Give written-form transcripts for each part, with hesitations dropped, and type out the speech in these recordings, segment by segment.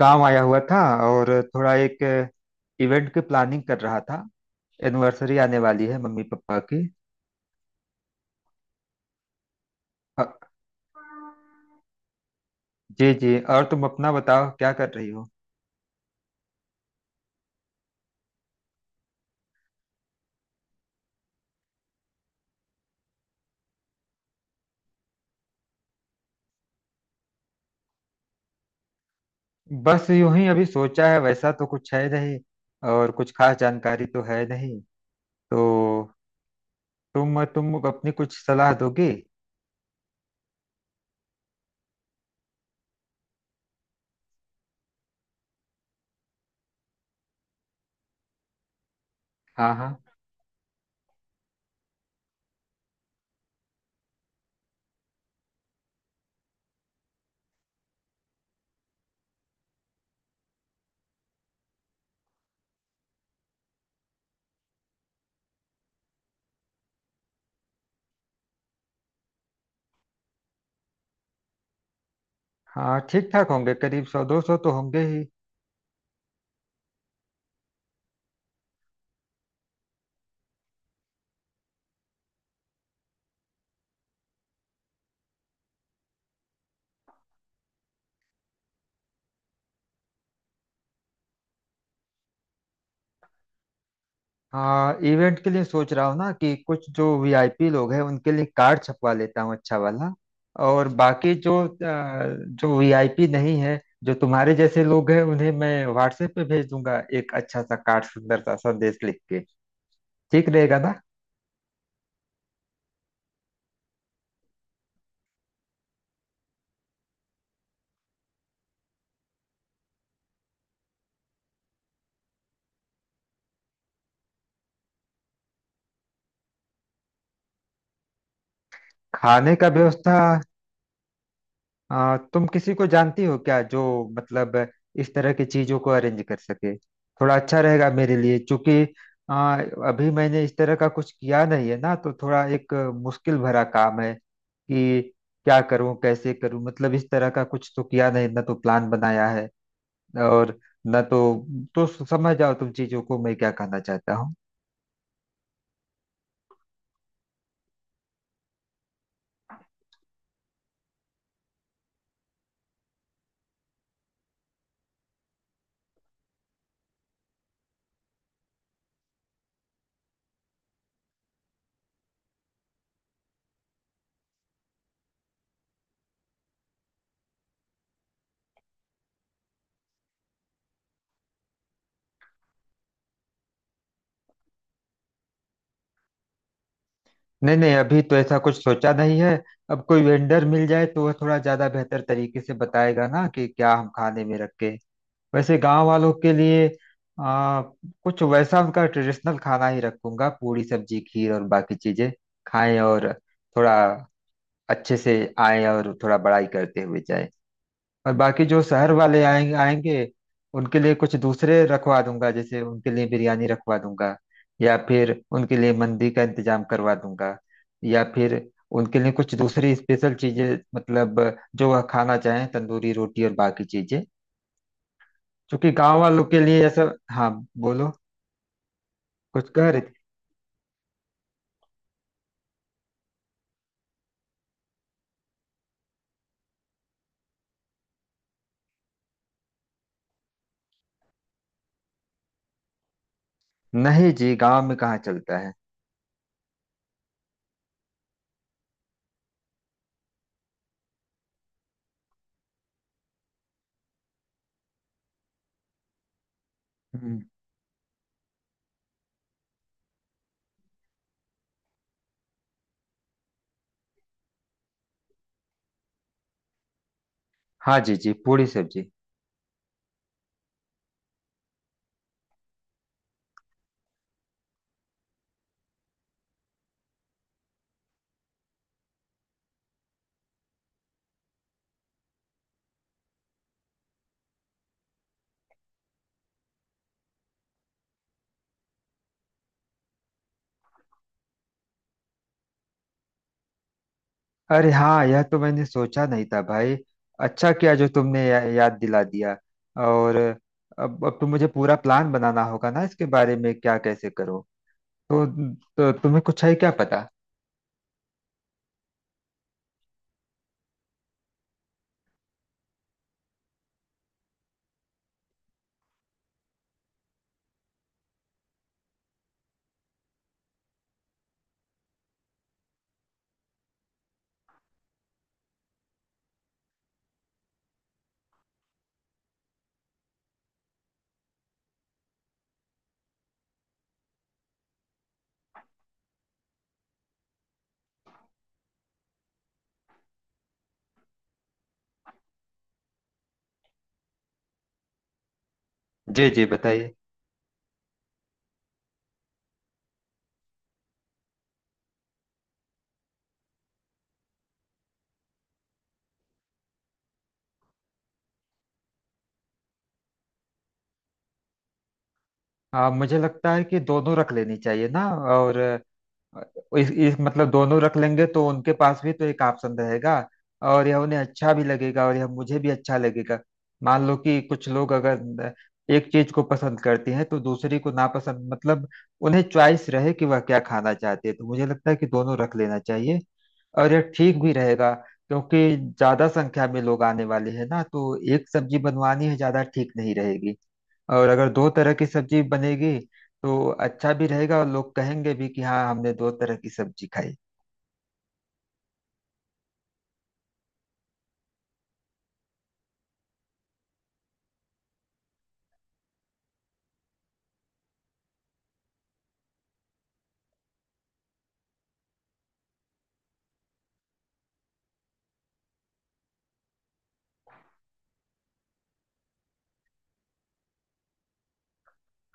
गांव आया हुआ था। और थोड़ा एक इवेंट की प्लानिंग कर रहा था। एनिवर्सरी आने वाली है मम्मी पापा की। अ, जी जी, और तुम अपना बताओ क्या कर रही हो। बस यूं ही अभी सोचा है, वैसा तो कुछ है नहीं। और कुछ खास जानकारी तो है नहीं, तो तुम अपनी कुछ सलाह दोगे। हाँ हाँ। हाँ ठीक ठाक होंगे, करीब 100 200 तो होंगे ही। हाँ इवेंट के लिए सोच रहा हूँ ना, कि कुछ जो वीआईपी लोग हैं उनके लिए कार्ड छपवा लेता हूँ अच्छा वाला। और बाकी जो जो वीआईपी नहीं है, जो तुम्हारे जैसे लोग हैं, उन्हें मैं व्हाट्सएप पे भेज दूंगा एक अच्छा सा कार्ड, सुंदर सा संदेश लिख के। ठीक रहेगा ना। खाने का व्यवस्था। तुम किसी को जानती हो क्या, जो मतलब इस तरह की चीजों को अरेंज कर सके। थोड़ा अच्छा रहेगा मेरे लिए, क्योंकि आ, अभी मैंने इस तरह का कुछ किया नहीं है ना, तो थोड़ा एक मुश्किल भरा काम है कि क्या करूं कैसे करूं। मतलब इस तरह का कुछ तो किया नहीं ना, तो प्लान बनाया है और ना तो समझ जाओ तुम चीजों को, मैं क्या कहना चाहता हूँ। नहीं नहीं, अभी तो ऐसा कुछ सोचा नहीं है। अब कोई वेंडर मिल जाए तो वह थोड़ा ज्यादा बेहतर तरीके से बताएगा ना कि क्या हम खाने में रखें। वैसे गांव वालों के लिए आ, कुछ वैसा उनका ट्रेडिशनल खाना ही रखूंगा, पूरी सब्जी खीर और बाकी चीजें खाएं, और थोड़ा अच्छे से आए और थोड़ा बड़ाई करते हुए जाए। और बाकी जो शहर वाले आएंगे आएंगे, उनके लिए कुछ दूसरे रखवा दूंगा। जैसे उनके लिए बिरयानी रखवा दूंगा, या फिर उनके लिए मंदी का इंतजाम करवा दूंगा, या फिर उनके लिए कुछ दूसरी स्पेशल चीजें, मतलब जो वह खाना चाहें, तंदूरी रोटी और बाकी चीजें। क्योंकि गांव वालों के लिए ऐसा। हाँ। बोलो, कुछ कह रहे थे। नहीं जी, गांव में कहाँ चलता है। हम्म। हाँ जी जी, पूरी सब्जी। अरे हाँ, यह तो मैंने सोचा नहीं था भाई। अच्छा किया जो तुमने याद दिला दिया। और अब तो मुझे पूरा प्लान बनाना होगा ना, इसके बारे में क्या कैसे करो। तो तुम्हें कुछ है क्या पता। जी जी बताइए। मुझे लगता है कि दोनों रख लेनी चाहिए ना। और इस मतलब दोनों रख लेंगे तो उनके पास भी तो एक ऑप्शन रहेगा। और यह उन्हें अच्छा भी लगेगा और यह मुझे भी अच्छा लगेगा। मान लो कि कुछ लोग अगर एक चीज को पसंद करते हैं तो दूसरी को नापसंद। मतलब उन्हें चॉइस रहे कि वह क्या खाना चाहते हैं, तो मुझे लगता है कि दोनों रख लेना चाहिए। और यह ठीक भी रहेगा, क्योंकि ज्यादा संख्या में लोग आने वाले हैं ना, तो एक सब्जी बनवानी है ज्यादा ठीक नहीं रहेगी। और अगर दो तरह की सब्जी बनेगी तो अच्छा भी रहेगा, और लोग कहेंगे भी कि हाँ हमने दो तरह की सब्जी खाई।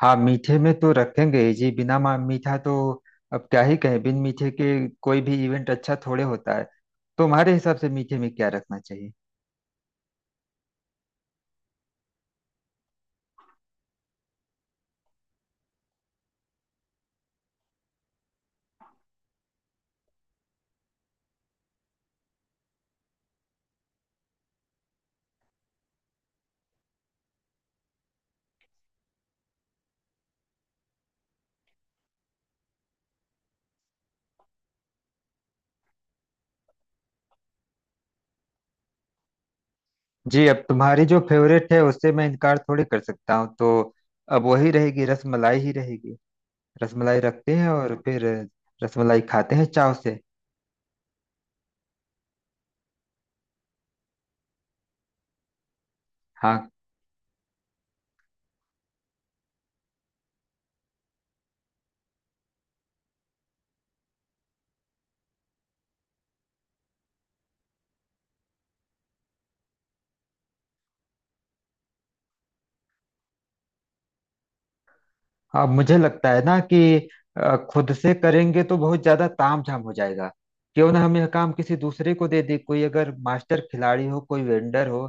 हाँ मीठे में तो रखेंगे ही जी, बिना मीठा तो अब क्या ही कहें, बिन मीठे के कोई भी इवेंट अच्छा थोड़े होता है। तुम्हारे हिसाब से मीठे में क्या रखना चाहिए। जी, अब तुम्हारी जो फेवरेट है उससे मैं इनकार थोड़ी कर सकता हूँ, तो अब वही रहेगी, रसमलाई ही रहेगी। रसमलाई रखते हैं, और फिर रसमलाई खाते हैं चाव से। हाँ हाँ मुझे लगता है ना कि खुद से करेंगे तो बहुत ज्यादा ताम झाम हो जाएगा। क्यों ना हम यह काम किसी दूसरे को दे दें, कोई अगर मास्टर खिलाड़ी हो, कोई वेंडर हो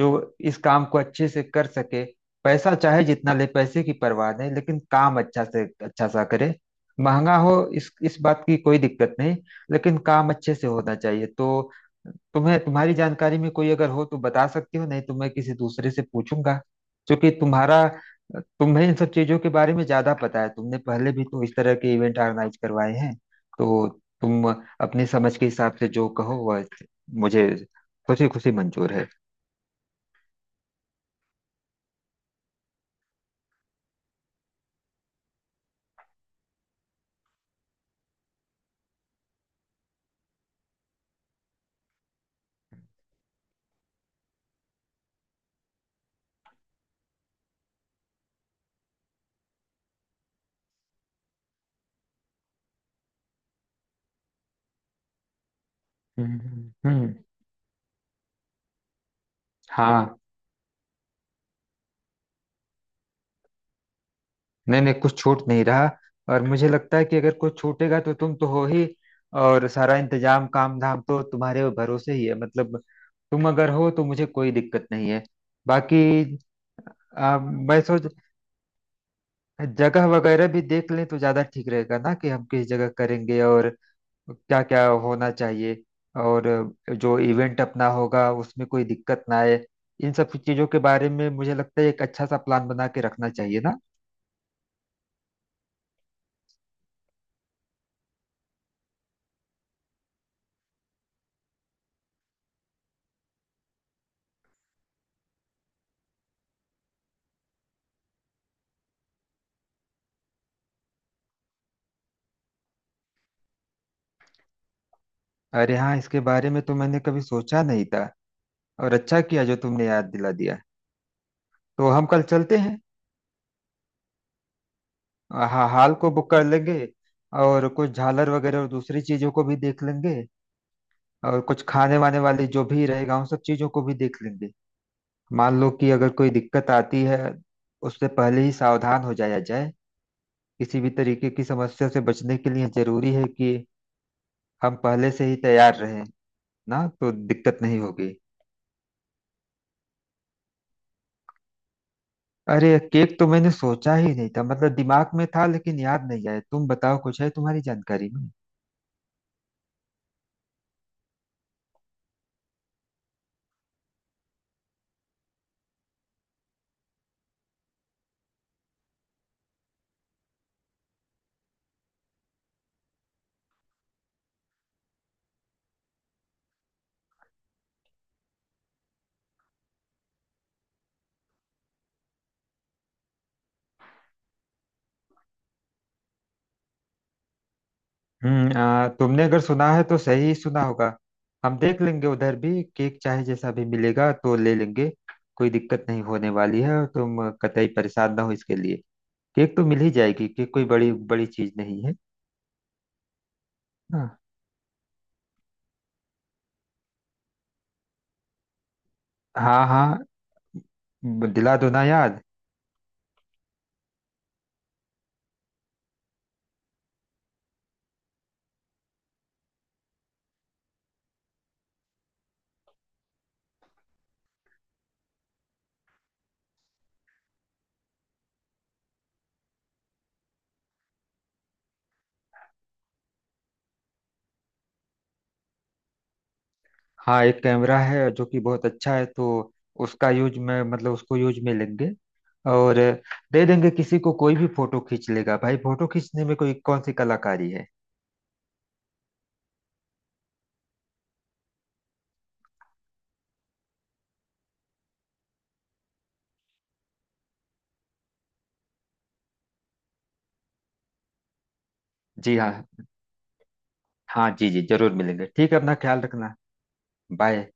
जो इस काम को अच्छे से कर सके। पैसा चाहे जितना ले, पैसे की परवाह नहीं, लेकिन काम अच्छा से अच्छा सा करे। महंगा हो, इस बात की कोई दिक्कत नहीं, लेकिन काम अच्छे से होना चाहिए। तो तुम्हें, तुम्हारी जानकारी में कोई अगर हो तो बता सकती हो, नहीं तो मैं किसी दूसरे से पूछूंगा। क्योंकि तुम्हारा, तुम्हें इन सब चीजों के बारे में ज्यादा पता है, तुमने पहले भी तो इस तरह के इवेंट ऑर्गेनाइज करवाए हैं। तो तुम अपनी समझ के हिसाब से जो कहो वह मुझे खुशी खुशी मंजूर है। हम्म, हम्म। हाँ। नहीं नहीं, कुछ छूट नहीं रहा। और मुझे लगता है कि अगर कुछ छूटेगा तो तुम तो हो ही। और सारा इंतजाम काम धाम तो तुम्हारे भरोसे ही है, मतलब तुम अगर हो तो मुझे कोई दिक्कत नहीं है। बाकी मैं सोच, जगह वगैरह भी देख लें तो ज्यादा ठीक रहेगा ना, कि हम किस जगह करेंगे और क्या क्या होना चाहिए। और जो इवेंट अपना होगा उसमें कोई दिक्कत ना आए। इन सब चीजों के बारे में मुझे लगता है एक अच्छा सा प्लान बना के रखना चाहिए ना। अरे हाँ, इसके बारे में तो मैंने कभी सोचा नहीं था, और अच्छा किया जो तुमने याद दिला दिया। तो हम कल चलते हैं, हाल को बुक कर लेंगे। और कुछ झालर वगैरह और दूसरी चीजों को भी देख लेंगे। और कुछ खाने वाने वाली जो भी रहेगा उन सब चीजों को भी देख लेंगे। मान लो कि अगर कोई दिक्कत आती है, उससे पहले ही सावधान हो जाया जाए। किसी भी तरीके की समस्या से बचने के लिए जरूरी है कि हम पहले से ही तैयार रहें। ना तो दिक्कत नहीं होगी। अरे केक तो मैंने सोचा ही नहीं था, मतलब दिमाग में था लेकिन याद नहीं आया। तुम बताओ, कुछ है तुम्हारी जानकारी में। हम्म। तुमने अगर सुना है तो सही ही सुना होगा। हम देख लेंगे उधर भी, केक चाहे जैसा भी मिलेगा तो ले लेंगे। कोई दिक्कत नहीं होने वाली है, और तुम कतई परेशान ना हो इसके लिए। केक तो मिल ही जाएगी, केक कोई बड़ी बड़ी चीज नहीं है। हाँ हाँ। हाँ दिला दो ना याद। हाँ एक कैमरा है जो कि बहुत अच्छा है, तो उसका यूज में मतलब उसको यूज में लेंगे। और दे देंगे किसी को, कोई भी फोटो खींच लेगा भाई। फोटो खींचने में कोई कौन सी कलाकारी है। जी हाँ। हाँ जी जी, जरूर मिलेंगे। ठीक है, अपना ख्याल रखना। बाय।